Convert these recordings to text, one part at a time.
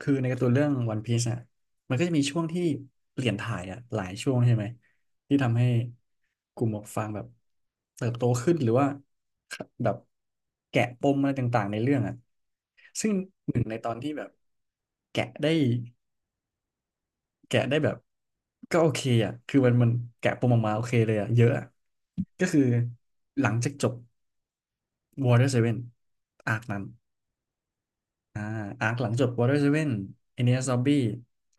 คือในการ์ตูนเรื่องวันพีซอ่ะมันก็จะมีช่วงที่เปลี่ยนถ่ายอ่ะหลายช่วงใช่ไหมที่ทำให้กลุ่มหมวกฟางแบบเติบโตขึ้นหรือว่าแบบแกะปมอะไรต่างๆในเรื่องอ่ะซึ่งหนึ่งในตอนที่แบบแกะได้แกะได้แบบก็โอเคอ่ะคือมันแกะปมออกมาโอเคเลยอ่ะเยอะอะก็คือหลังจากจบ Water Seven อาร์คนั้น อ่าอาร์คหลังจบ Water Seven Enies Lobby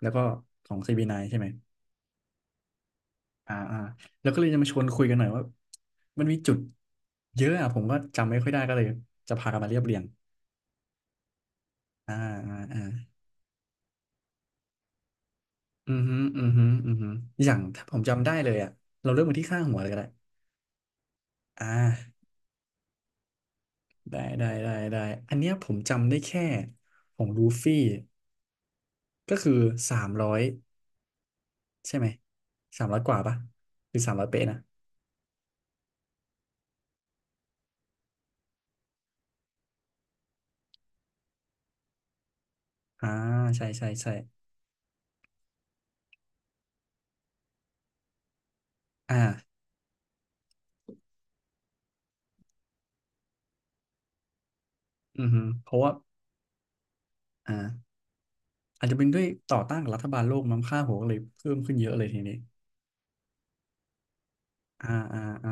แล้วก็ของ CB9 ใช่ไหมอ่าอ่าแล้วก็เลยจะมาชวนคุยกันหน่อยว่ามันมีจุดเยอะอ่ะผมก็จำไม่ค่อยได้ก็เลยจะพากันมาเรียบเรียงอ่าอ่าอ่าอือฮึอือฮึอือฮึอย่างถ้าผมจำได้เลยอ่ะเราเริ่มมาที่ข้างหัวเลยก็ได้อ่าได้ได้ได้ได้อันเนี้ยผมจำได้แค่ของลูฟี่ก็คือสามร้อยใช่ไหมสามร้อยกว่าปะหรือสามร้อยเป๊ะนะอ่าใช่ใช่ใช่อ่า อือฮึเพราะว่าอ่าอาจจะเป็นด้วยต่อต้านกับรัฐบาลโลกมั้งค่าหัวก็เลยเพิ่มขึ้นเยอะเลยทีนี้อ่าอ่าอ่า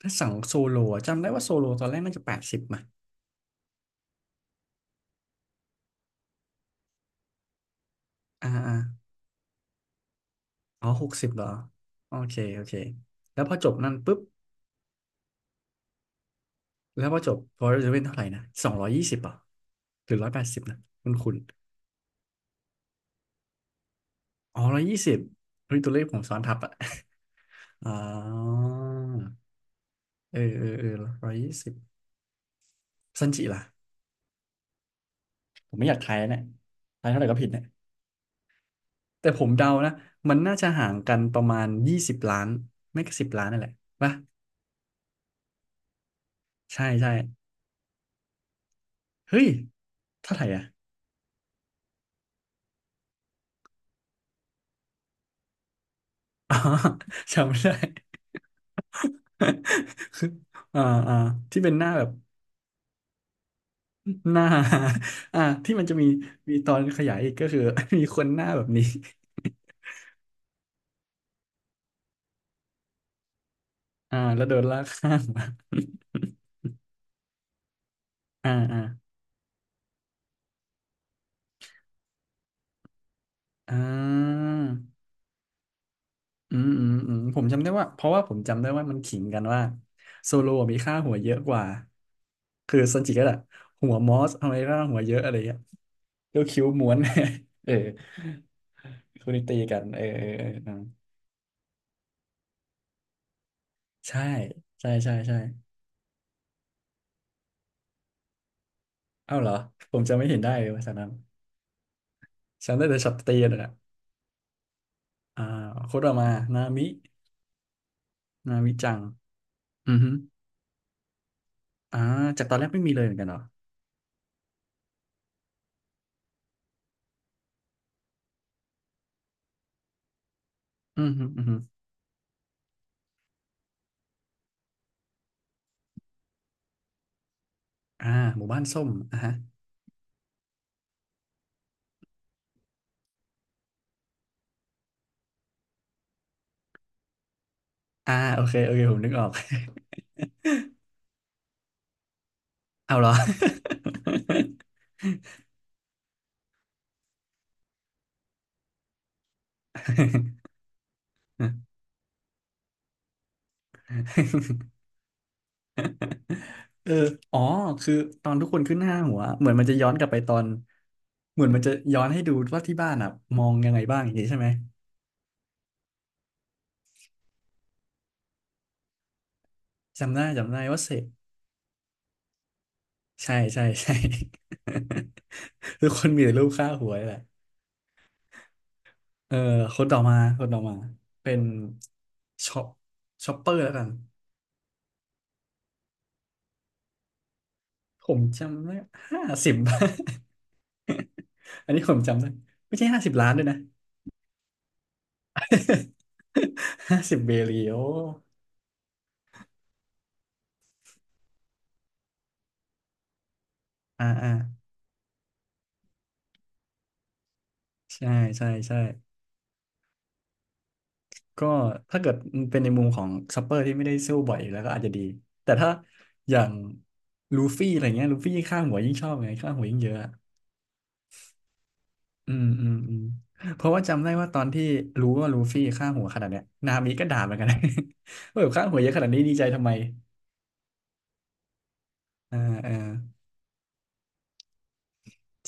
ถ้าสั่งโซโลอะจำได้ว่าโซโลตอนแรกน่าจะแปดสิบมาอ่าอ่าอ๋อ60เหรอโอเคโอเคแล้วพอจบนั่นปุ๊บแล้วพอจบพอจะเป็นเท่าไหร่นะ220อ่ะหรือ180นะคุณอ๋อร้อยยี่สิบเฮ้ยตัวเลขผมซ้อนทับอ่ะ อ๋อเออเออเออร้อยยี่สิบซันจิล่ะผมไม่อยากทายแล้วเนี่ยทายเท่าไหร่ก็ผิดเนี่ย แต่ผมเดานะมันน่าจะห่างกันประมาณ20 ล้านไม่ก็สิบล้านนั่นแหละป่ะใช่ใช่เฮ้ยเท่าไหร่อ่ะ อ๋อจำไม่ได้ คืออ่าอ่าที่เป็นหน้าแบบหน้า อ่าที่มันจะมีมีตอนขยายอีกก็คือ มีคนหน้าแบบนี้ อ่าแล้วโดนลากข้างมา อ่าอ่าอ่า อืมอืมอืมผมจำได้ว่าเพราะว่าผมจำได้ว่ามันขิงกันว่าโซโลมีค่าหัวเยอะกว่าคือซันจิก็แหละหัวมอสทำไมร่างหัวเยอะอะไรเงี้ยก็คิ้วม้วน เออคุณีตีกันเออเออเออนะใช่ใช่ใช่ใช่เอ้าเหรอผมจำไม่เห็นได้เลยภาฉะนั้นฉันได้แต่ช็อตตีนั่นแหละอ่าโคตรมานามินามิจังอือฮึอ่าจากตอนแรกไม่มีเลยเหมือนกันเหรออือฮึอือฮึอ่าหมู่บ้านส้มอ่ะฮะอ่าโอเคโอเคผมนึกออก เอาเหรอ เอออ๋อคือตอนทุกคนขึ้นห้าหัว เหมือนมันจะย้อนกลับไปตอนเหมือนมันจะย้อนให้ดูว่าที่บ้านอ่ะมองยังไงบ้างอย่างนี้ใช่ไหม จำได้จำได้ว่าเสกใช่ใช่ ใช่ ทุกคนมีแต่รูปค่าหัวนี่แหละเออคนต่อมาคนต่อมาเป็นช็อปช็อปเปอร์แล้วกันผมจำได้ห้าสิบ อันนี้ผมจำได้ไม่ใช่50 ล้านด้วยนะ 50 เบรีโออ่าอ่า ใช่ใช่ใช่ก็ถ้าเกิดเป็นในมุมของซัปเปอร์ที่ไม่ได้สู้บ่อยอยู่แล้วก็อาจจะดีแต่ถ้าอย่างลูฟี่อะไรเงี้ยลูฟี่ยิ่งฆ่าหัวยิ่งชอบไงฆ่าหัวยิ่งเยอะอะอืมอืมอืมเพราะว่าจำได้ว่าตอนที่รู้ว่าลูฟี่ฆ่าหัวขนาดเนี้ยนามิก็ด่าเหมือนกันนะ ว่าแบบฆ่าหัวเยอะขนาดนี้ดีใจทำไมอ่าอ่า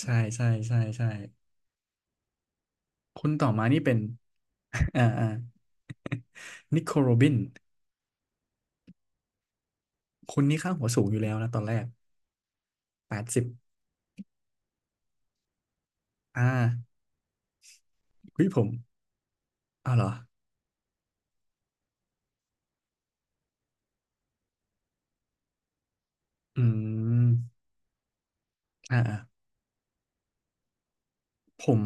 ใช่ใช่ใช่ใช่คนต่อมานี่เป็น อ่าอ่า นิโคโรบินคนนี้ค่าหัวสูงอยู่แล้วนะตอนแรกแปดสิบอ่าเฮ้ยผมอ้าวเหรอ อืมอ่าๆผม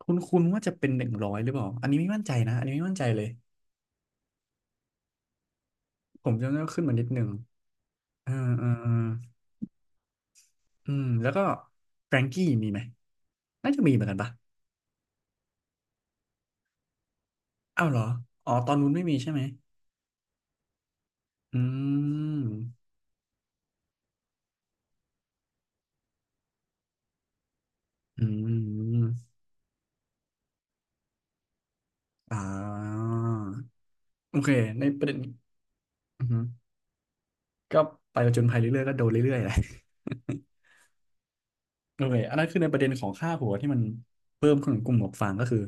คุ้นๆว่าจะเป็น100หรือเปล่าอันนี้ไม่มั่นใจนะอันนี้ไม่มั่นใจเลยผมจำได้ว่าขึ้นมานิดหนึ่งอ่าอ่าอ่าอืมแล้วก็แฟรงกี้มีไหมน่าจะมีเหมือนกันปะอ้าวเหรออ๋อตอนนู้นไม่มีใช่ไหมอืมอืมอ่าโอเคในประเด็นอือฮึก็ไปผจญภัยเรื่อยๆก็โดนเรื่อยๆแหละ โอเคอันนั้นคือในประเด็นของค่าหัวที่มันเพิ่มขึ้นของกลุ่มหมวกฟางก็คือ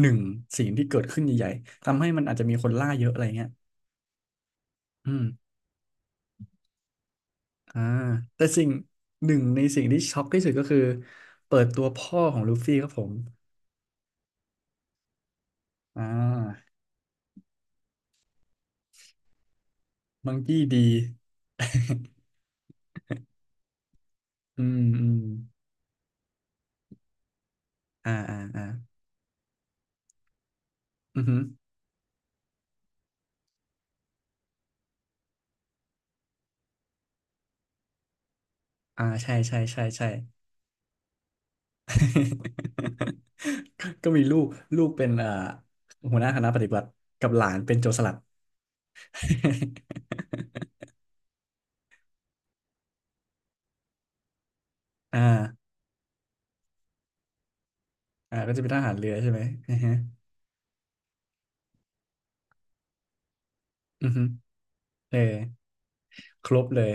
หนึ่งสิ่งที่เกิดขึ้นใหญ่ๆทำให้มันอาจจะมีคนล่าเยอะอะไรเงี้ยอืมอ่าแต่สิ่งหนึ่งในสิ่งที่ช็อกที่สุดก็คือเปิดตัวพ่อของลูฟี่ครับผมอ่ามังกี้ดี อืมอืมอ่าอ่าอ่าอือหืออ่าใช่ใช่ใช่ใช่ ก็มีลูกลูกเป็นหัวหน้าคณะปฏิบัติกับหลานเป็นโจรสลัด อ่าอ่าก็จะเป็นทหารเรือใช่ไหมอือฮึอือฮึเออครบเลย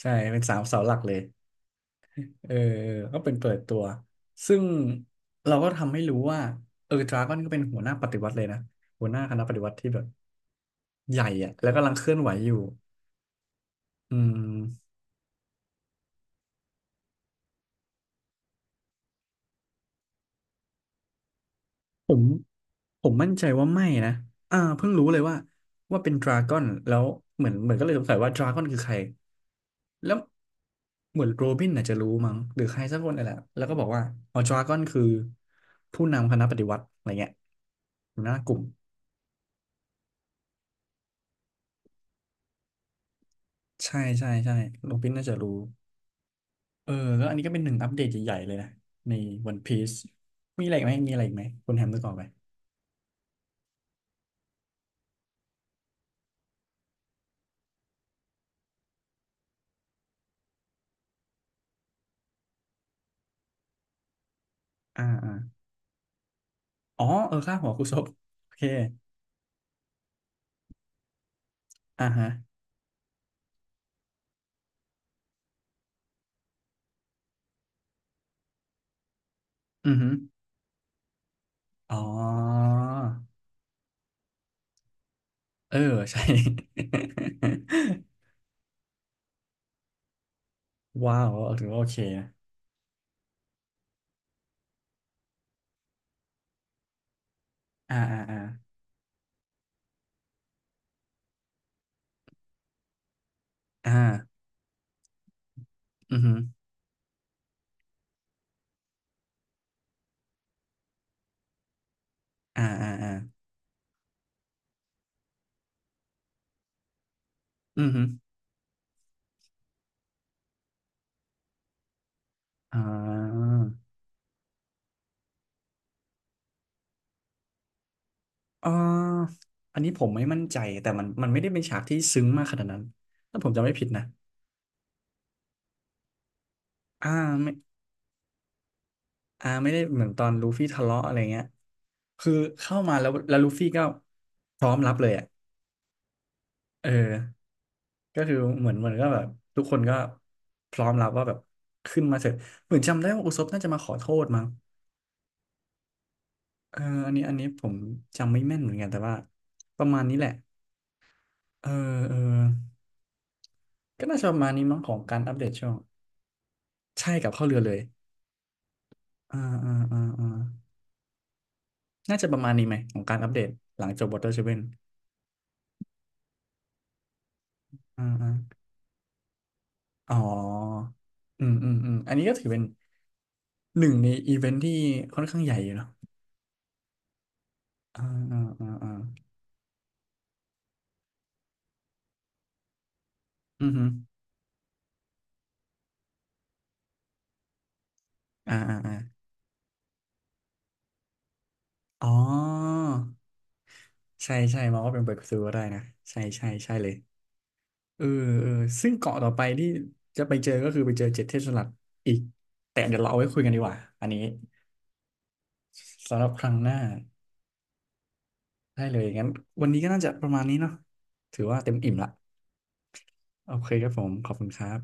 ใช่เป็นสามเสาหลักเลยเออก็เป็นเปิดตัวซึ่งเราก็ทำให้รู้ว่าเออดราก้อนก็เป็นหัวหน้าปฏิวัติเลยนะหัวหน้าคณะปฏิวัติที่แบบใหญ่อะแล้วกำลังเคลื่อนไหวอยู่อืมผมผมมั่นใจว่าไม่นะอ่าเพิ่งรู้เลยว่าเป็นดราก้อนแล้วเหมือนก็เลยสงสัยว่าดราก้อนคือใคร แล้วเหมือนโรบินอาจจะรู้มั้งหรือใครสักคนอะ่แหละแล้วก็บอกว่าอ๋อดราก้อนคือผู้นำคณะปฏิวัติอะไรเงี้ยหัวหน้ากลุ่มใช่ใช่ใช่โรบินน่าจะรู้เออแล้วอันนี้ก็เป็นหนึ่งอัปเดตใหญ่ๆเลยนะในวันพีซมีอะไรอีกไหมมีอะไรอีกไหมคุณแฮมนึกออกไหมอ่าอ่าอ๋อเออค่าหัวคุซบโอเคอ่าฮะอือฮึอ๋อเออใช่ ว้าวเออถือว่าโอเคนะอ่าอ่าอ่าอ่าอือฮึ อ่าอ่าอ่าอือฮึอ่าอ่าอันนี้ผมไม่มั่นใจแต่มันไม่ได้เป็นฉากที่ซึ้งมากขนาดนั้นถ้าผมจำไม่ผิดนะอ่าไม่อ่าไม่ได้เหมือนตอนลูฟี่ทะเลาะอะไรเงี้ยคือเข้ามาแล้วลูฟี่ก็พร้อมรับเลยอ่ะเออก็คือเหมือนก็แบบทุกคนก็พร้อมรับว่าแบบขึ้นมาเถอะเหมือนจำได้ว่าอุซบน่าจะมาขอโทษมั้งเอออันนี้ผมจำไม่แม่นเหมือนกันแต่ว่าประมาณนี้แหละเออเออก็น่าจะประมาณนี้มั้งของการอัปเดตช่วง ใช่กับเข้าวเรือเลยอ่าอ่าอ่าอ่าน่าจะประมาณนี้ไหมของการอัปเดตหลังจบ Water Seven อ่าอ่าอ๋ออืมอืมอืมอันนี้ก็ถือเป็นหนึ่งในอีเวนท์ที่ค่อนข้างใหญ่อยู่เนาะอ่าอ่าอ่าอ่าอืมอฮึอ่าอ่าอ่าอ๋อใช่ใช่มองว่าเป็น breakthrough ก็ได้นะใช่ใช่ใช่เลยเออเออซึ่งเกาะต่อไปที่จะไปเจอก็คือไปเจอเจ็ดเทศสลัดอีกแต่เดี๋ยวเราเอาไว้คุยกันดีกว่าอันนี้สำหรับครั้งหน้า ได้เลยงั้นวันนี้ก็น่าจะประมาณนี้เนาะถือว่าเต็มอิ่มละโอเคครับผมขอบคุณครับ